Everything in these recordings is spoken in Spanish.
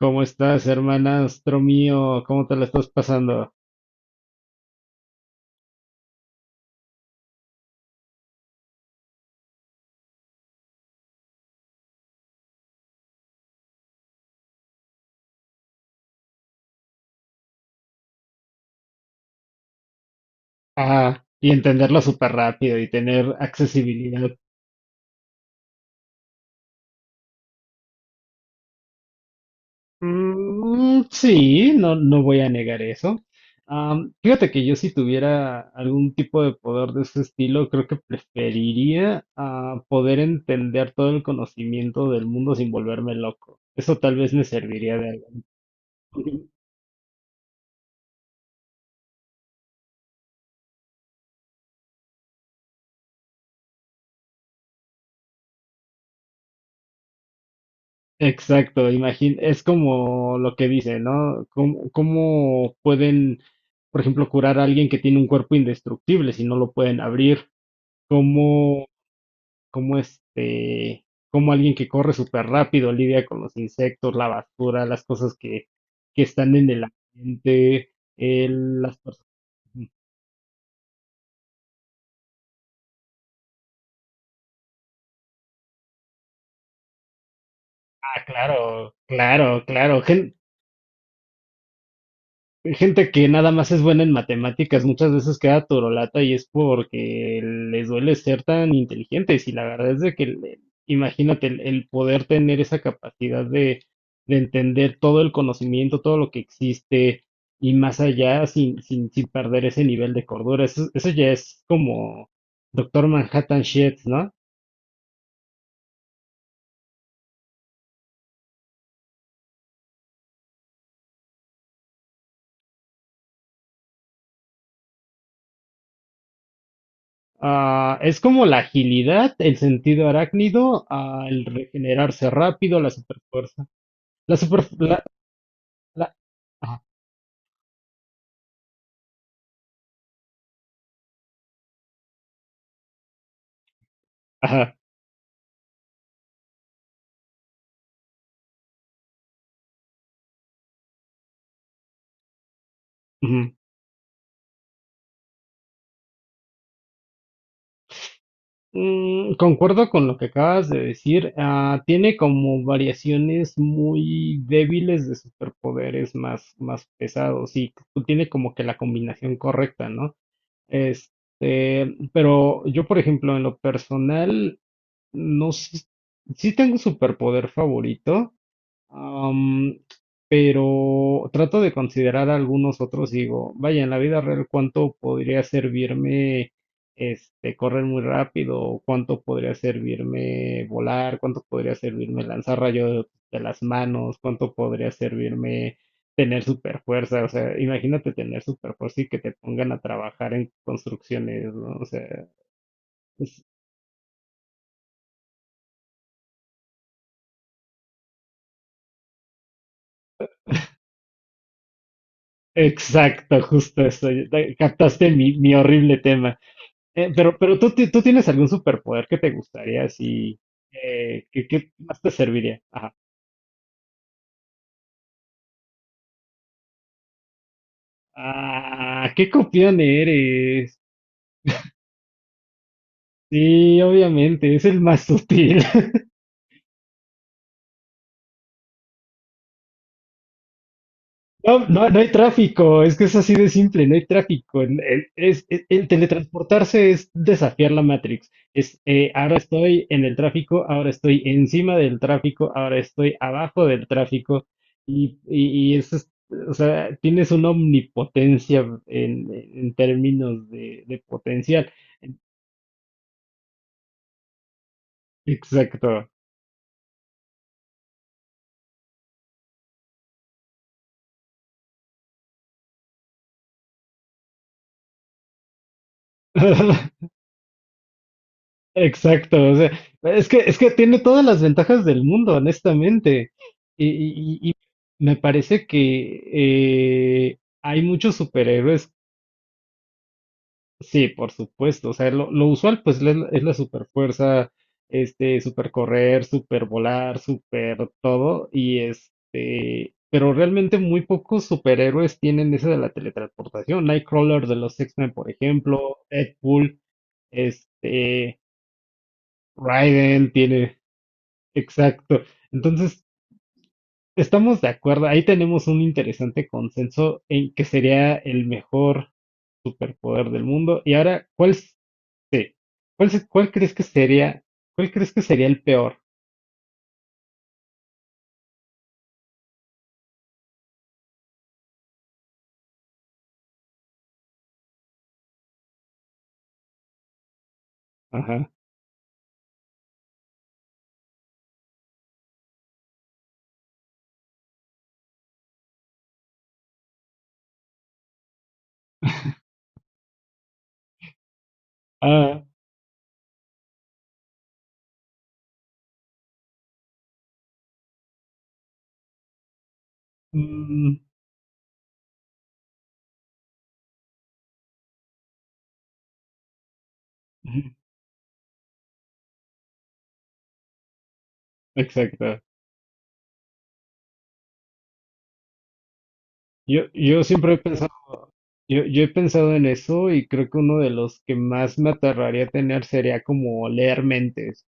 ¿Cómo estás, hermanastro mío? ¿Cómo te la estás pasando? Ah, y entenderlo súper rápido y tener accesibilidad. Mm, sí, no, no voy a negar eso. Fíjate que yo si tuviera algún tipo de poder de ese estilo, creo que preferiría poder entender todo el conocimiento del mundo sin volverme loco. Eso tal vez me serviría de algo. Exacto, imagín es como lo que dice, ¿no? ¿Cómo pueden, por ejemplo, curar a alguien que tiene un cuerpo indestructible si no lo pueden abrir? ¿Cómo, cómo este, cómo alguien que corre súper rápido lidia con los insectos, la basura, las cosas que están en el ambiente, las personas? Ah, claro, claro, claro. Gente que nada más es buena en matemáticas, muchas veces queda torolata y es porque les duele ser tan inteligentes. Y la verdad es de que, imagínate, el poder tener esa capacidad de entender todo el conocimiento, todo lo que existe y más allá sin perder ese nivel de cordura. Eso ya es como Doctor Manhattan shit, ¿no? Ah, es como la agilidad, el sentido arácnido, el regenerarse rápido, la superfuerza. La super. Ajá, ajá, ujú. Mm, concuerdo con lo que acabas de decir. Ah, tiene como variaciones muy débiles de superpoderes más pesados y tiene como que la combinación correcta, ¿no? Este, pero yo, por ejemplo, en lo personal, no sé, sí tengo un superpoder favorito, Am, pero trato de considerar algunos otros, digo, vaya, en la vida real, ¿cuánto podría servirme este correr muy rápido? ¿O cuánto podría servirme volar? ¿Cuánto podría servirme lanzar rayos de las manos? ¿Cuánto podría servirme tener super fuerza? O sea, imagínate tener super fuerza y que te pongan a trabajar en construcciones, ¿no? O sea, es- exacto, justo eso. Captaste mi horrible tema. Pero tú, tú tienes algún superpoder que te gustaría, así, que más te serviría. Ajá. Ah, qué copión eres. Sí, obviamente, es el más sutil. No, no, no hay tráfico, es que es así de simple, no hay tráfico. El teletransportarse es desafiar la Matrix. Ahora estoy en el tráfico, ahora estoy encima del tráfico, ahora estoy abajo del tráfico. Y eso es, o sea, tienes una omnipotencia en términos de potencial. Exacto. Exacto, o sea, es que tiene todas las ventajas del mundo, honestamente. Y me parece que hay muchos superhéroes, sí, por supuesto. O sea, lo usual pues es la superfuerza, este, supercorrer, supervolar, super todo. Y este, pero realmente muy pocos superhéroes tienen esa de la teletransportación. Nightcrawler de los X-Men, por ejemplo, Deadpool, este, Raiden tiene. Exacto. Entonces, estamos de acuerdo. Ahí tenemos un interesante consenso en que sería el mejor superpoder del mundo. Y ahora, Sí. cuál se- cuál crees que sería, ¿Cuál crees que sería el peor? Ajá. Ah, mm, ujú, exacto. Yo siempre he pensado, yo he pensado en eso y creo que uno de los que más me aterraría tener sería como leer mentes.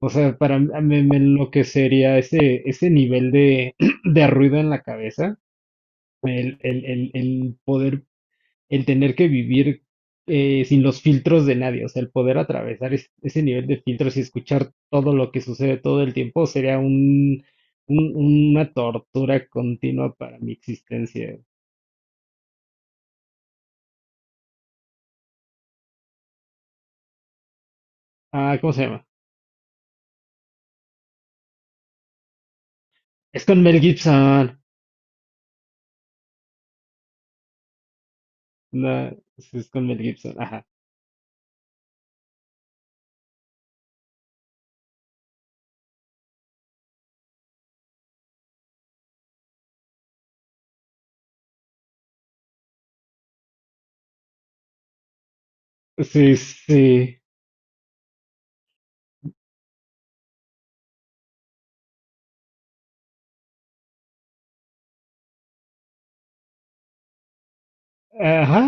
O sea, para mí me enloquecería ese nivel de, de ruido en la cabeza, el poder, el tener que vivir sin los filtros de nadie, o sea, el poder atravesar ese nivel de filtros y escuchar todo lo que sucede todo el tiempo sería un- una tortura continua para mi existencia. Ah, ¿cómo se llama? Es con Mel Gibson. No, sí, es con Mel Gibson, ajá. Sí, sí. Ajá,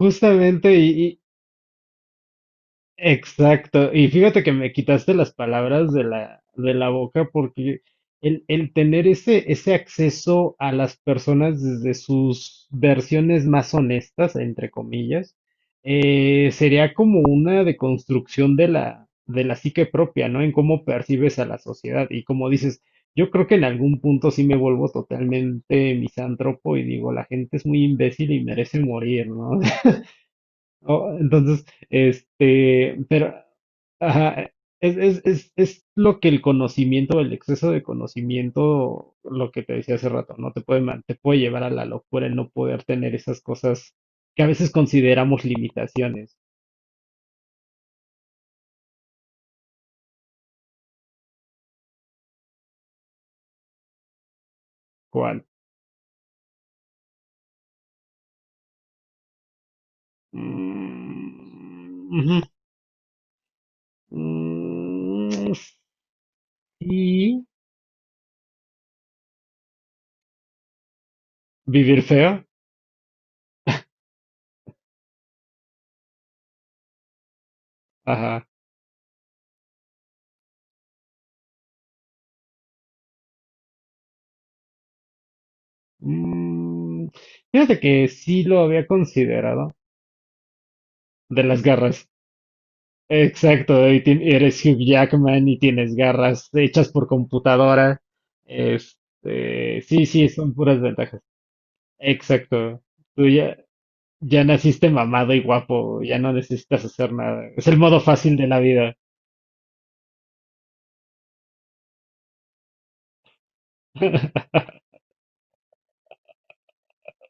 justamente. Exacto. Y fíjate que me quitaste las palabras de la boca porque el tener ese acceso a las personas desde sus versiones más honestas, entre comillas, sería como una deconstrucción de la psique propia, ¿no? En cómo percibes a la sociedad. Y como dices, yo creo que en algún punto sí me vuelvo totalmente misántropo y digo, la gente es muy imbécil y merece morir, ¿no? Oh, entonces, este, pero, ajá, es lo que el conocimiento, el exceso de conocimiento, lo que te decía hace rato, ¿no? Te puede llevar a la locura el no poder tener esas cosas que a veces consideramos limitaciones. ¿Cuál? Mm, ujú, mm, sí, vivir feo. Ajá. Mm, fíjate que sí lo había considerado, de las garras. Exacto, y eres Hugh Jackman y tienes garras hechas por computadora. Este, sí, sí, son puras ventajas. Exacto. Tú ya naciste mamado y guapo, ya no necesitas hacer nada. Es el modo fácil de la vida.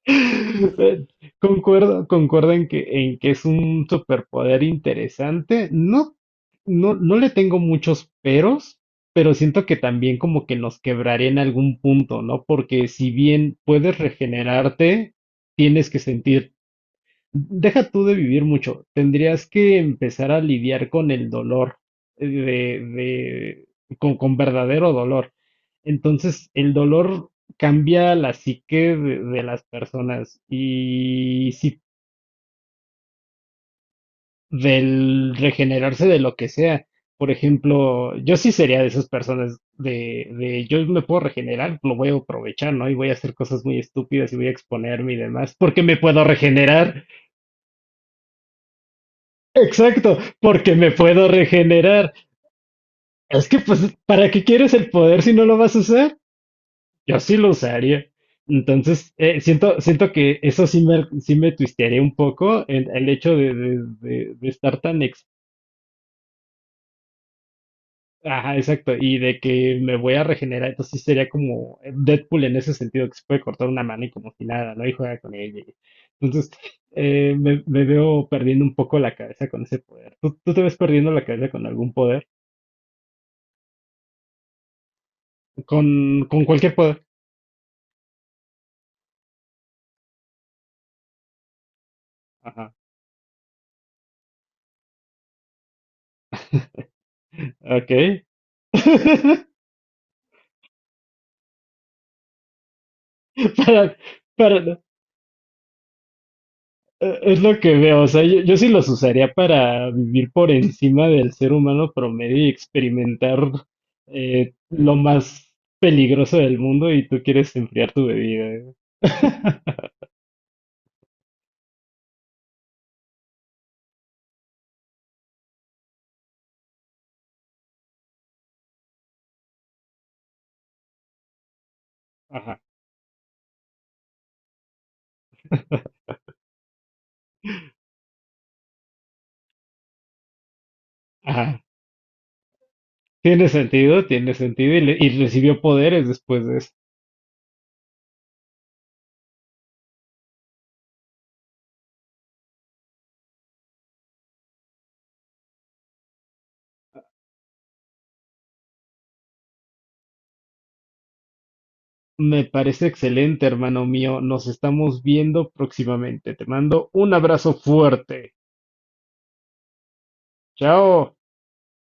Eh, concuerdo en que es un superpoder interesante. No, no, no le tengo muchos peros, pero siento que también como que nos quebraría en algún punto, ¿no? Porque si bien puedes regenerarte, tienes que sentir. Deja tú de vivir mucho, tendrías que empezar a lidiar con el dolor, eh, de, de- con verdadero dolor. Entonces, el dolor cambia la psique de las personas y si del regenerarse de lo que sea. Por ejemplo, yo sí sería de esas personas de yo me puedo regenerar, lo voy a aprovechar, ¿no? Y voy a hacer cosas muy estúpidas y voy a exponerme y demás, porque me puedo regenerar. Exacto, porque me puedo regenerar. Es que, pues, ¿para qué quieres el poder si no lo vas a usar? Yo sí lo usaría. Entonces, siento que eso sí me twistearía un poco el hecho de estar tan. Ajá, exacto. Y de que me voy a regenerar. Entonces, sí sería como Deadpool en ese sentido, que se puede cortar una mano y como si nada, ¿no? Y juega con ella. Entonces, me veo perdiendo un poco la cabeza con ese poder. ¿Tú te ves perdiendo la cabeza con algún poder? Con cualquier poder. Ajá. Ok. Para, para- es lo que veo. O sea, yo sí los usaría para vivir por encima del ser humano promedio y experimentar lo más peligroso del mundo y tú quieres enfriar tu bebida. ¿Eh? Ajá. Ajá. Tiene sentido y recibió poderes después de eso. Me parece excelente, hermano mío. Nos estamos viendo próximamente. Te mando un abrazo fuerte. Chao.